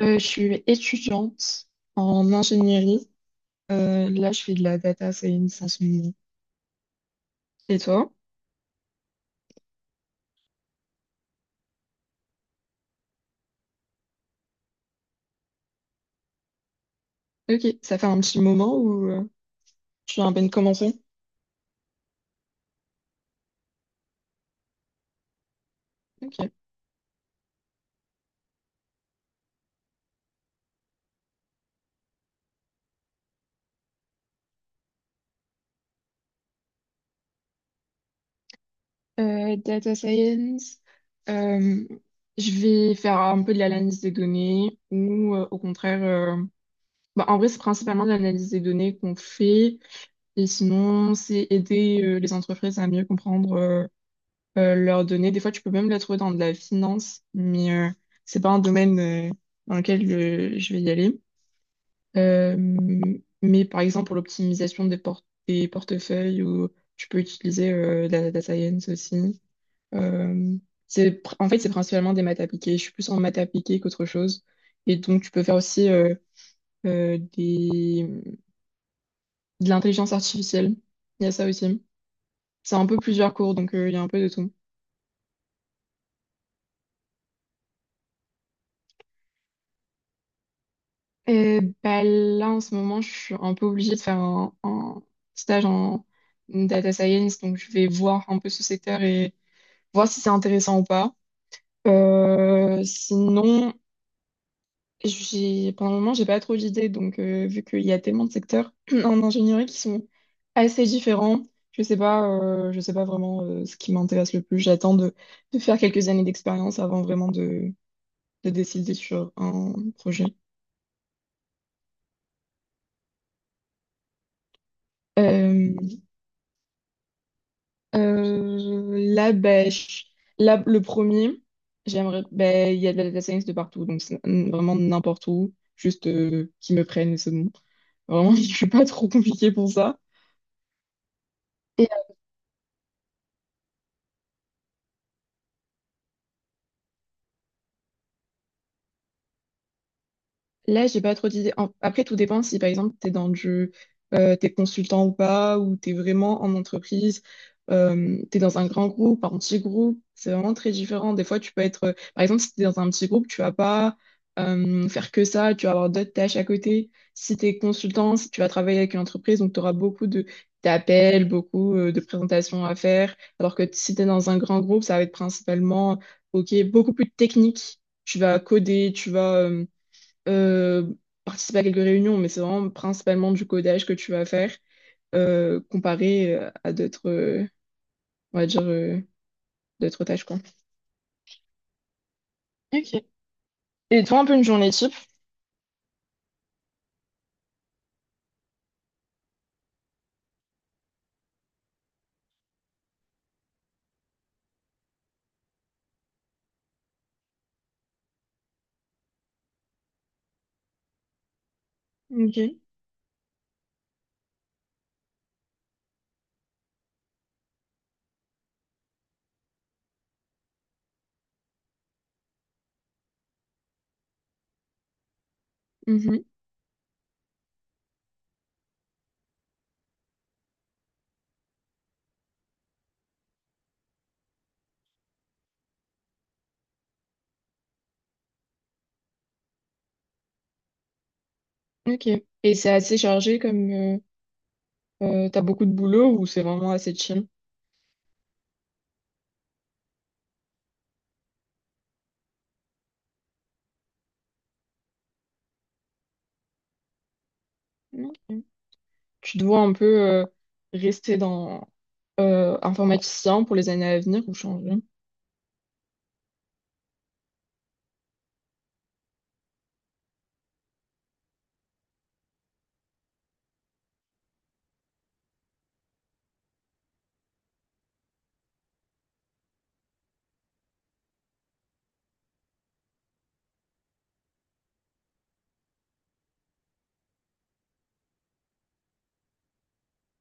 Je suis étudiante en ingénierie. Là, je fais de la data science en ce moment. Et toi? Ok, ça fait un petit moment où tu viens à peine commencer? Ok. Data science, euh, je vais faire un peu de l'analyse des données ou au contraire, bah, en vrai, c'est principalement de l'analyse des données qu'on fait et sinon, c'est aider les entreprises à mieux comprendre leur donner. Des fois, tu peux même la trouver dans de la finance, mais c'est pas un domaine dans lequel je vais y aller. Euh, mais par exemple, pour l'optimisation des portefeuilles, ou tu peux utiliser la data science aussi. Euh, En fait, c'est principalement des maths appliquées. Je suis plus en maths appliquées qu'autre chose. Et donc, tu peux faire aussi euh, des... de l'intelligence artificielle. Il y a ça aussi. C'est un peu plusieurs cours, donc il y a un peu de tout. Bah là, en ce moment, je suis un peu obligée de faire un stage en data science, donc je vais voir un peu ce secteur et voir si c'est intéressant ou pas. Sinon, j'ai, pendant le moment, j'ai pas trop d'idées, donc vu qu'il y a tellement de secteurs en ingénierie qui sont assez différents, je sais pas vraiment ce qui m'intéresse le plus. J'attends de faire quelques années d'expérience avant vraiment de décider sur un projet. Euh, Là, ben, là, le premier, j'aimerais, ben, il y a de la data science de partout, donc vraiment n'importe où, juste qu'ils me prennent et c'est bon. Vraiment, je suis pas trop compliquée pour ça. Là, j'ai pas trop d'idées. Après, tout dépend si, par exemple, t'es dans t'es consultant ou pas, ou t'es vraiment en entreprise, t'es dans un grand groupe, enfin, un petit groupe. C'est vraiment très différent. Des fois, tu peux par exemple, si t'es dans un petit groupe, tu vas pas faire que ça. Tu vas avoir d'autres tâches à côté. Si t'es consultant, si tu vas travailler avec une entreprise, donc t'auras d'appels, beaucoup de présentations à faire. Alors que si t'es dans un grand groupe, ça va être principalement, OK, beaucoup plus technique. Tu vas coder, euh, participer à quelques réunions, mais c'est vraiment principalement du codage que tu vas faire comparé à d'autres, on va dire, d'autres tâches, quoi. Ok. Et toi, un peu une journée type? Ok. Mhm. Ok. Et c'est assez chargé comme t'as beaucoup de boulot ou c'est vraiment assez chill? Ok. Tu dois un peu rester dans informaticien pour les années à venir ou changer?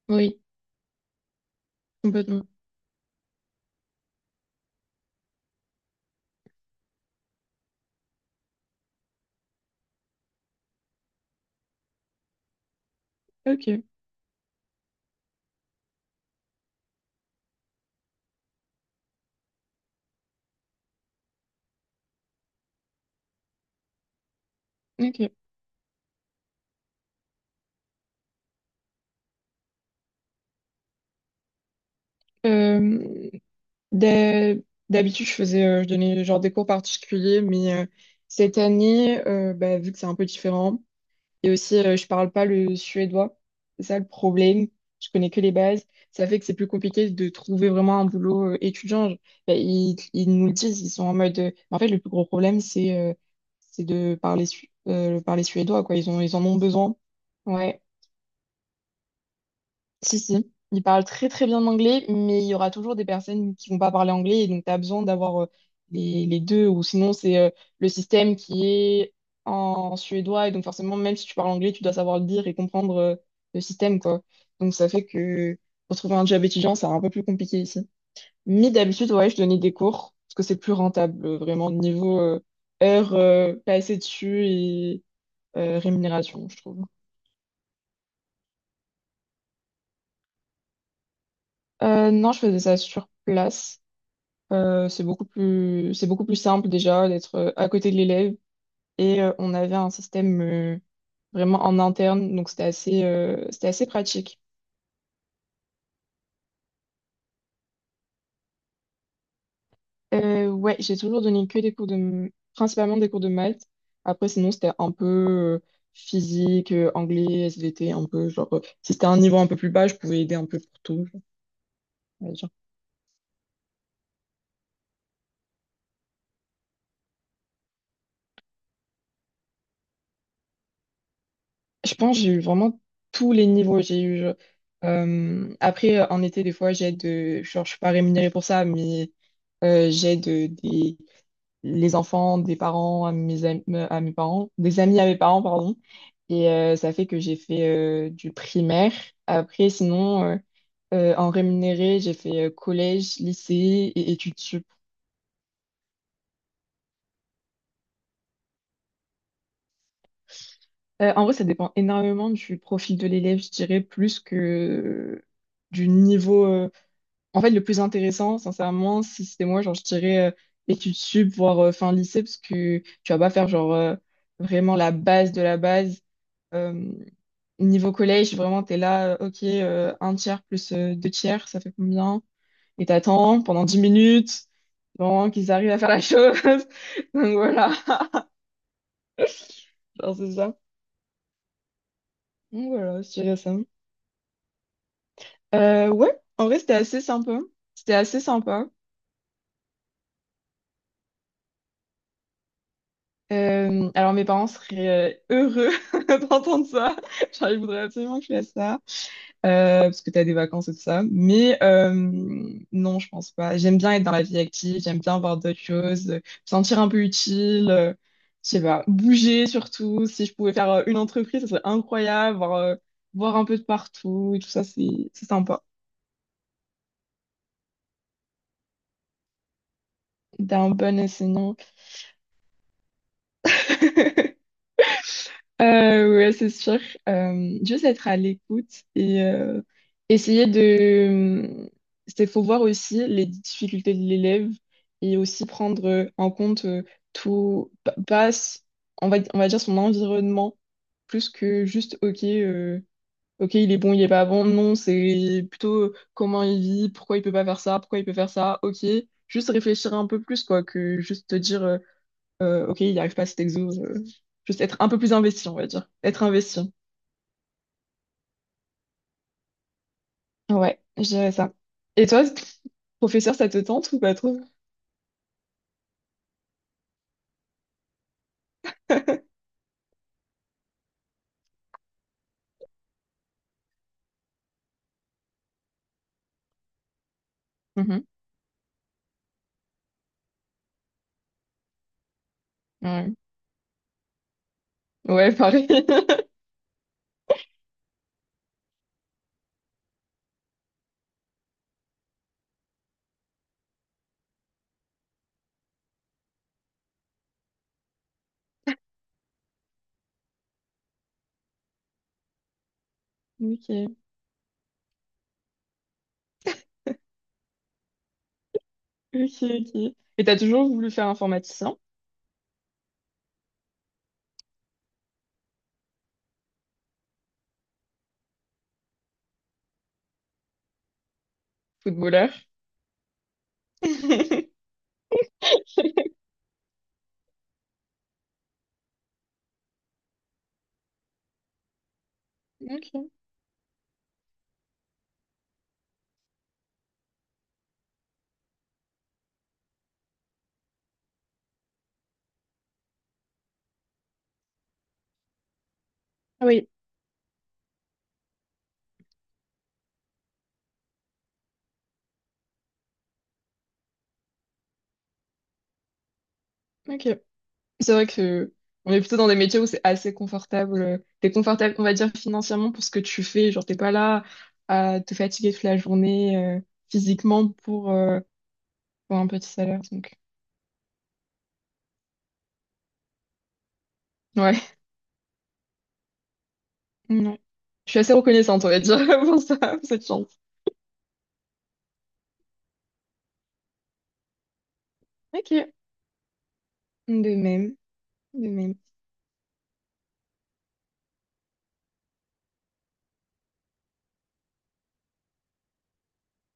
Oui, complètement. Ok, ok. Euh, d'ha- D'habitude, je donnais genre des cours particuliers, mais cette année, bah, vu que c'est un peu différent, et aussi, je parle pas le suédois. C'est ça le problème. Je connais que les bases. Ça fait que c'est plus compliqué de trouver vraiment un boulot étudiant. Ben, ils nous le disent, ils sont en mode. En fait, le plus gros problème, c'est de parler suédois, quoi. Ils en ont besoin. Ouais. Si, si, ils parlent très très bien anglais, mais il y aura toujours des personnes qui vont pas parler anglais, et donc tu as besoin d'avoir les deux, ou sinon c'est le système qui est en suédois, et donc forcément, même si tu parles anglais, tu dois savoir le dire et comprendre le système, quoi. Donc ça fait que pour trouver un job étudiant, c'est un peu plus compliqué ici. Mais d'habitude, ouais, je donnais des cours, parce que c'est plus rentable, vraiment, niveau heures passées dessus et rémunération, je trouve. Non, je faisais ça sur place. C'est beaucoup plus simple déjà d'être à côté de l'élève. Et on avait un système vraiment en interne, donc c'était assez pratique. Ouais, j'ai toujours donné que des cours de, m- principalement des cours de maths. Après, sinon, c'était un peu physique, anglais, SVT, un peu genre, si c'était un niveau un peu plus bas, je pouvais aider un peu pour tout. Je pense que j'ai eu vraiment tous les niveaux. J'ai eu Après en été des fois j'aide genre je suis pas rémunérée pour ça mais j'aide des les enfants des parents à mes parents des amis à mes parents pardon et ça fait que j'ai fait du primaire. Après sinon en rémunéré j'ai fait collège lycée et études sup. En vrai ça dépend énormément du profil de l'élève je dirais plus que du niveau. En fait, le plus intéressant, sincèrement, si c'était moi, genre, je dirais études sup, voire fin lycée, parce que tu vas pas faire, genre, vraiment la base de la base. Euh, Niveau collège, vraiment, t'es là, ok, un tiers plus deux tiers, ça fait combien? Et t'attends pendant 10 minutes, vraiment, qu'ils arrivent à faire la chose. Donc voilà, genre, c'est ça. Donc voilà, je dirais ça. Ouais, en vrai, c'était assez sympa. C'était assez sympa. Alors mes parents seraient heureux d'entendre ça. Genre, ils voudraient absolument que je fasse ça. Parce que tu as des vacances et tout ça. Mais non, je pense pas. J'aime bien être dans la vie active, j'aime bien voir d'autres choses, me sentir un peu utile, je sais pas, bouger surtout. Si je pouvais faire une entreprise, ça serait incroyable, voir un peu de partout et tout ça, c'est sympa. T'es un bon enseignant. Ouais, c'est sûr. Juste être à l'écoute et essayer de... hum, c'est, faut voir aussi les difficultés de l'élève et aussi prendre en compte tout, pas, on va dire son environnement, plus que juste, ok, ok, il est bon, il est pas bon. Non, c'est plutôt comment il vit, pourquoi il peut pas faire ça, pourquoi il peut faire ça, ok. Juste réfléchir un peu plus, quoi, que juste te dire. Ok, il n'y arrive pas à cet exo. Juste être un peu plus investi, on va dire. Être investi. Ouais, je dirais ça. Et toi, professeur, ça te tente ou pas trop? Mhm. Ouais. Ouais, pareil. Ok, ok, ok. Et t'as toujours voulu faire informaticien, footballeur? Ok. Ah oui, ok. C'est vrai que on est plutôt dans des métiers où c'est assez confortable. T'es confortable, on va dire, financièrement pour ce que tu fais. Genre, t'es pas là à te fatiguer toute la journée physiquement pour un petit salaire, donc. Ouais, non. Je suis assez reconnaissante, on va dire, pour ça, pour cette chance. Ok. De même, de même.